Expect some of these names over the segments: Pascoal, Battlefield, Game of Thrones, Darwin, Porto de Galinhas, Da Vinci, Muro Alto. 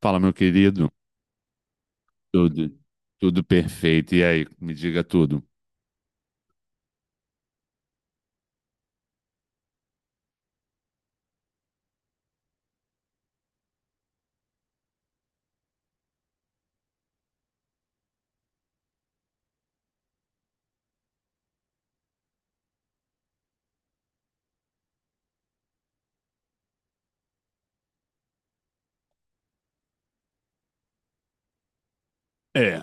Fala, meu querido. Tudo, tudo perfeito. E aí, me diga tudo. É.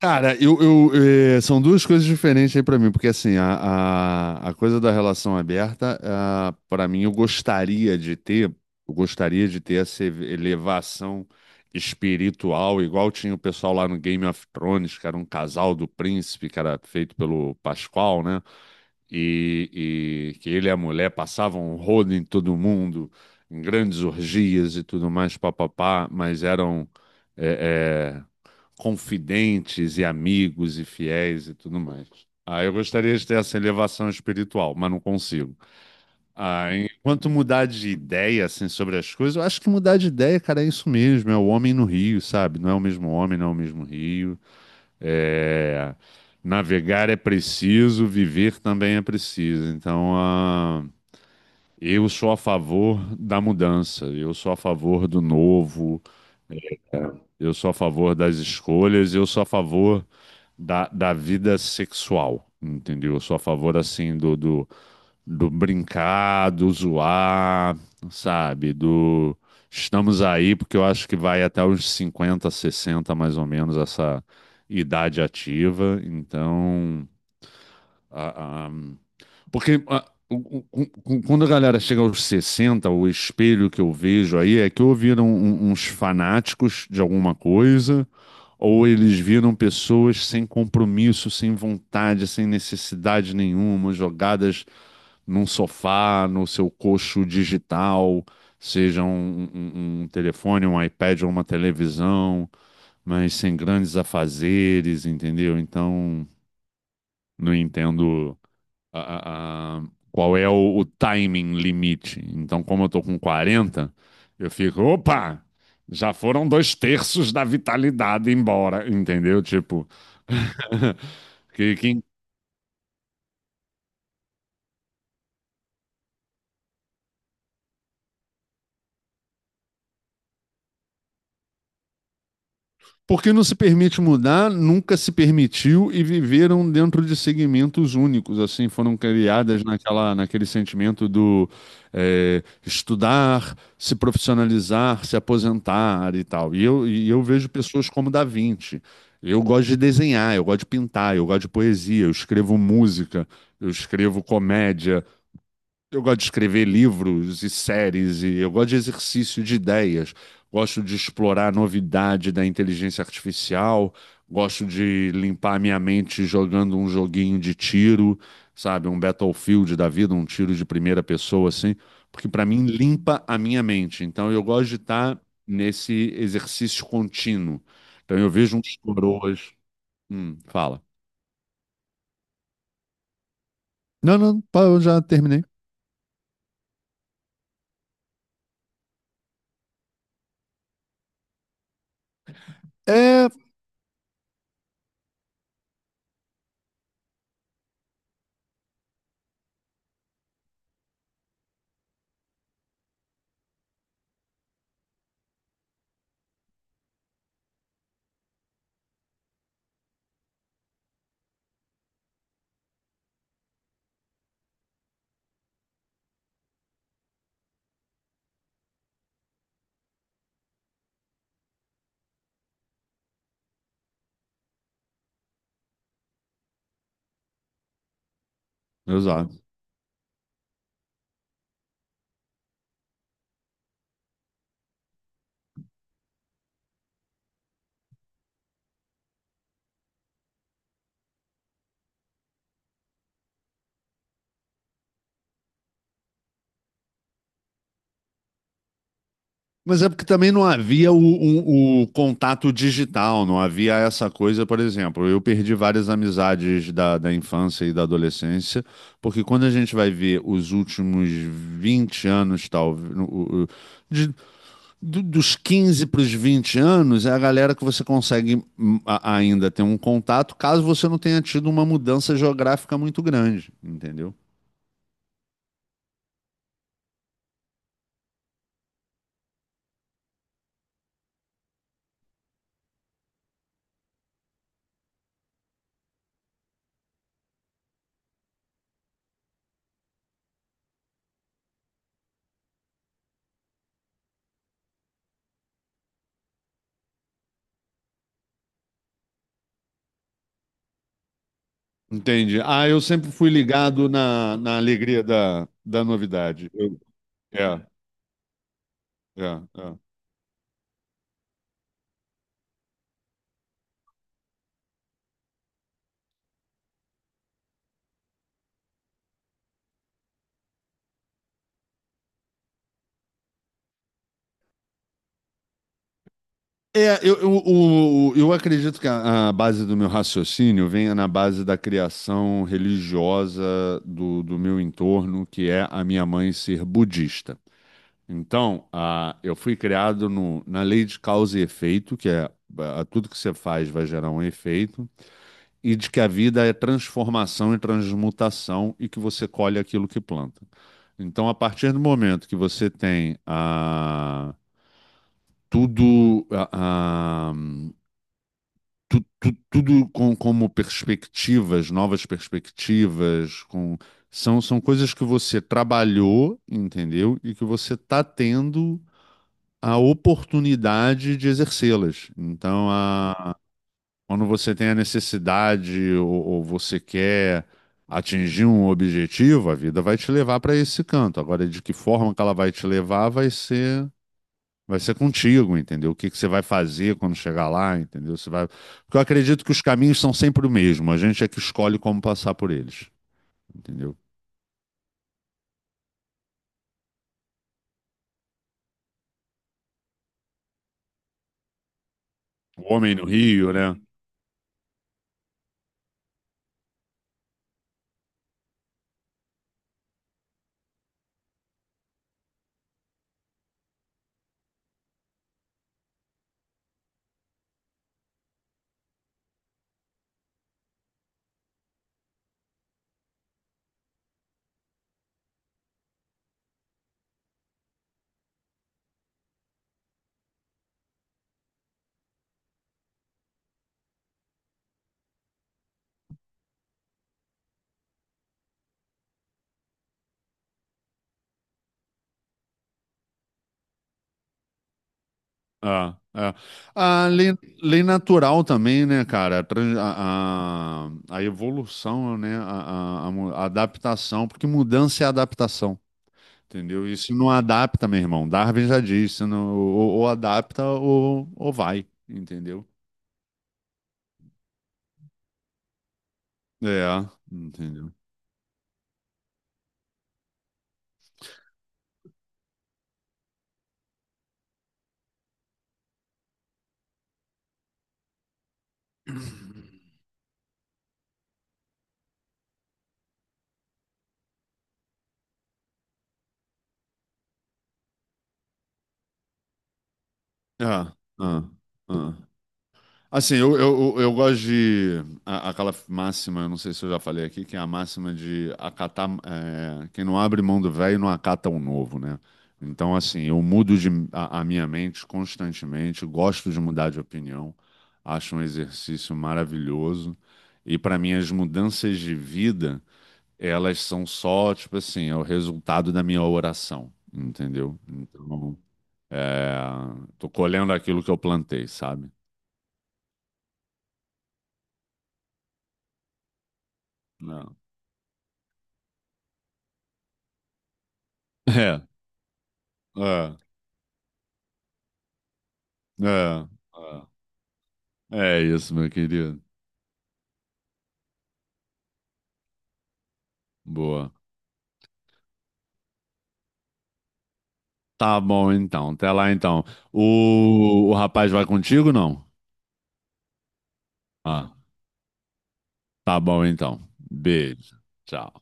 Cara, são duas coisas diferentes aí pra mim, porque assim, a coisa da relação aberta, ah, pra mim, eu gostaria de ter essa elevação espiritual, igual tinha o pessoal lá no Game of Thrones, que era um casal do príncipe, que era feito pelo Pascoal, né? E que ele e a mulher passavam um rodo em todo mundo, em grandes orgias e tudo mais, papapá, mas eram eh, eh, confidentes e amigos e fiéis e tudo mais. Ah, eu gostaria de ter essa elevação espiritual, mas não consigo. Ah, enquanto mudar de ideia, assim, sobre as coisas, eu acho que mudar de ideia, cara, é isso mesmo, é o homem no rio, sabe? Não é o mesmo homem, não é o mesmo rio. É, navegar é preciso, viver também é preciso. Então, ah, eu sou a favor da mudança, eu sou a favor do novo, eu sou a favor das escolhas, eu sou a favor da vida sexual, entendeu? Eu sou a favor, assim, do brincar, do zoar, sabe? Do estamos aí, porque eu acho que vai até os 50, 60 mais ou menos, essa idade ativa. Então, a, a- porque ah, quando a galera chega aos 60, o espelho que eu vejo aí é que ou viram uns fanáticos de alguma coisa, ou eles viram pessoas sem compromisso, sem vontade, sem necessidade nenhuma, jogadas num sofá, no seu coxo digital, seja um telefone, um iPad ou uma televisão, mas sem grandes afazeres, entendeu? Então, não entendo a- a- a- qual é o timing limite. Então, como eu tô com 40, eu fico, opa, já foram dois terços da vitalidade embora, entendeu? Tipo, que. Porque não se permite mudar, nunca se permitiu e viveram dentro de segmentos únicos, assim, foram criadas naquela, naquele sentimento do é, estudar, se profissionalizar, se aposentar e tal. E eu vejo pessoas como Da Vinci. Eu gosto de desenhar, eu gosto de pintar, eu gosto de poesia, eu escrevo música, eu escrevo comédia, eu gosto de escrever livros e séries, e eu gosto de exercício de ideias, gosto de explorar a novidade da inteligência artificial, gosto de limpar a minha mente jogando um joguinho de tiro, sabe? Um Battlefield da vida, um tiro de primeira pessoa, assim, porque para mim limpa a minha mente. Então eu gosto de estar nesse exercício contínuo. Então eu vejo uns coroas. Fala. Não, não, pá, eu já terminei. É, exato. Mas é porque também não havia o contato digital, não havia essa coisa, por exemplo. Eu perdi várias amizades da infância e da adolescência, porque quando a gente vai ver os últimos 20 anos, talvez, dos 15 para os 20 anos, é a galera que você consegue ainda ter um contato, caso você não tenha tido uma mudança geográfica muito grande, entendeu? Entendi. Ah, eu sempre fui ligado na alegria da novidade. É. É, é. É, eu acredito que a base do meu raciocínio venha na base da criação religiosa do meu entorno, que é a minha mãe ser budista. Então, eu fui criado na lei de causa e efeito, que é tudo que você faz vai gerar um efeito, e de que a vida é transformação e transmutação e que você colhe aquilo que planta. Então, a partir do momento que você tem a tudo, ah, tudo com, como perspectivas, novas perspectivas, com, são coisas que você trabalhou, entendeu? E que você está tendo a oportunidade de exercê-las. Então, quando você tem a necessidade ou você quer atingir um objetivo, a vida vai te levar para esse canto. Agora, de que forma que ela vai te levar. Vai ser contigo, entendeu? O que que você vai fazer quando chegar lá, entendeu? Você vai. Porque eu acredito que os caminhos são sempre o mesmo. A gente é que escolhe como passar por eles, entendeu? O homem no Rio, né? Ah, é. A lei natural também, né, cara? A evolução, né? A adaptação, porque mudança é adaptação, entendeu? E se não adapta, meu irmão, Darwin já disse, se não, ou adapta ou vai, entendeu? É, entendeu? É, é, é. Assim, eu gosto de aquela máxima, eu não sei se eu já falei aqui, que é a máxima de acatar, é, quem não abre mão do velho não acata o novo, né? Então, assim, eu mudo a minha mente constantemente, gosto de mudar de opinião, acho um exercício maravilhoso. E para mim, as mudanças de vida, elas são só, tipo assim, é o resultado da minha oração, entendeu? Então. É, tô colhendo aquilo que eu plantei, sabe? Não. É, é, é, é. É isso, meu querido. Boa. Tá bom, então. Até lá, então. O rapaz vai contigo, não? Ah, tá bom, então. Beijo. Tchau.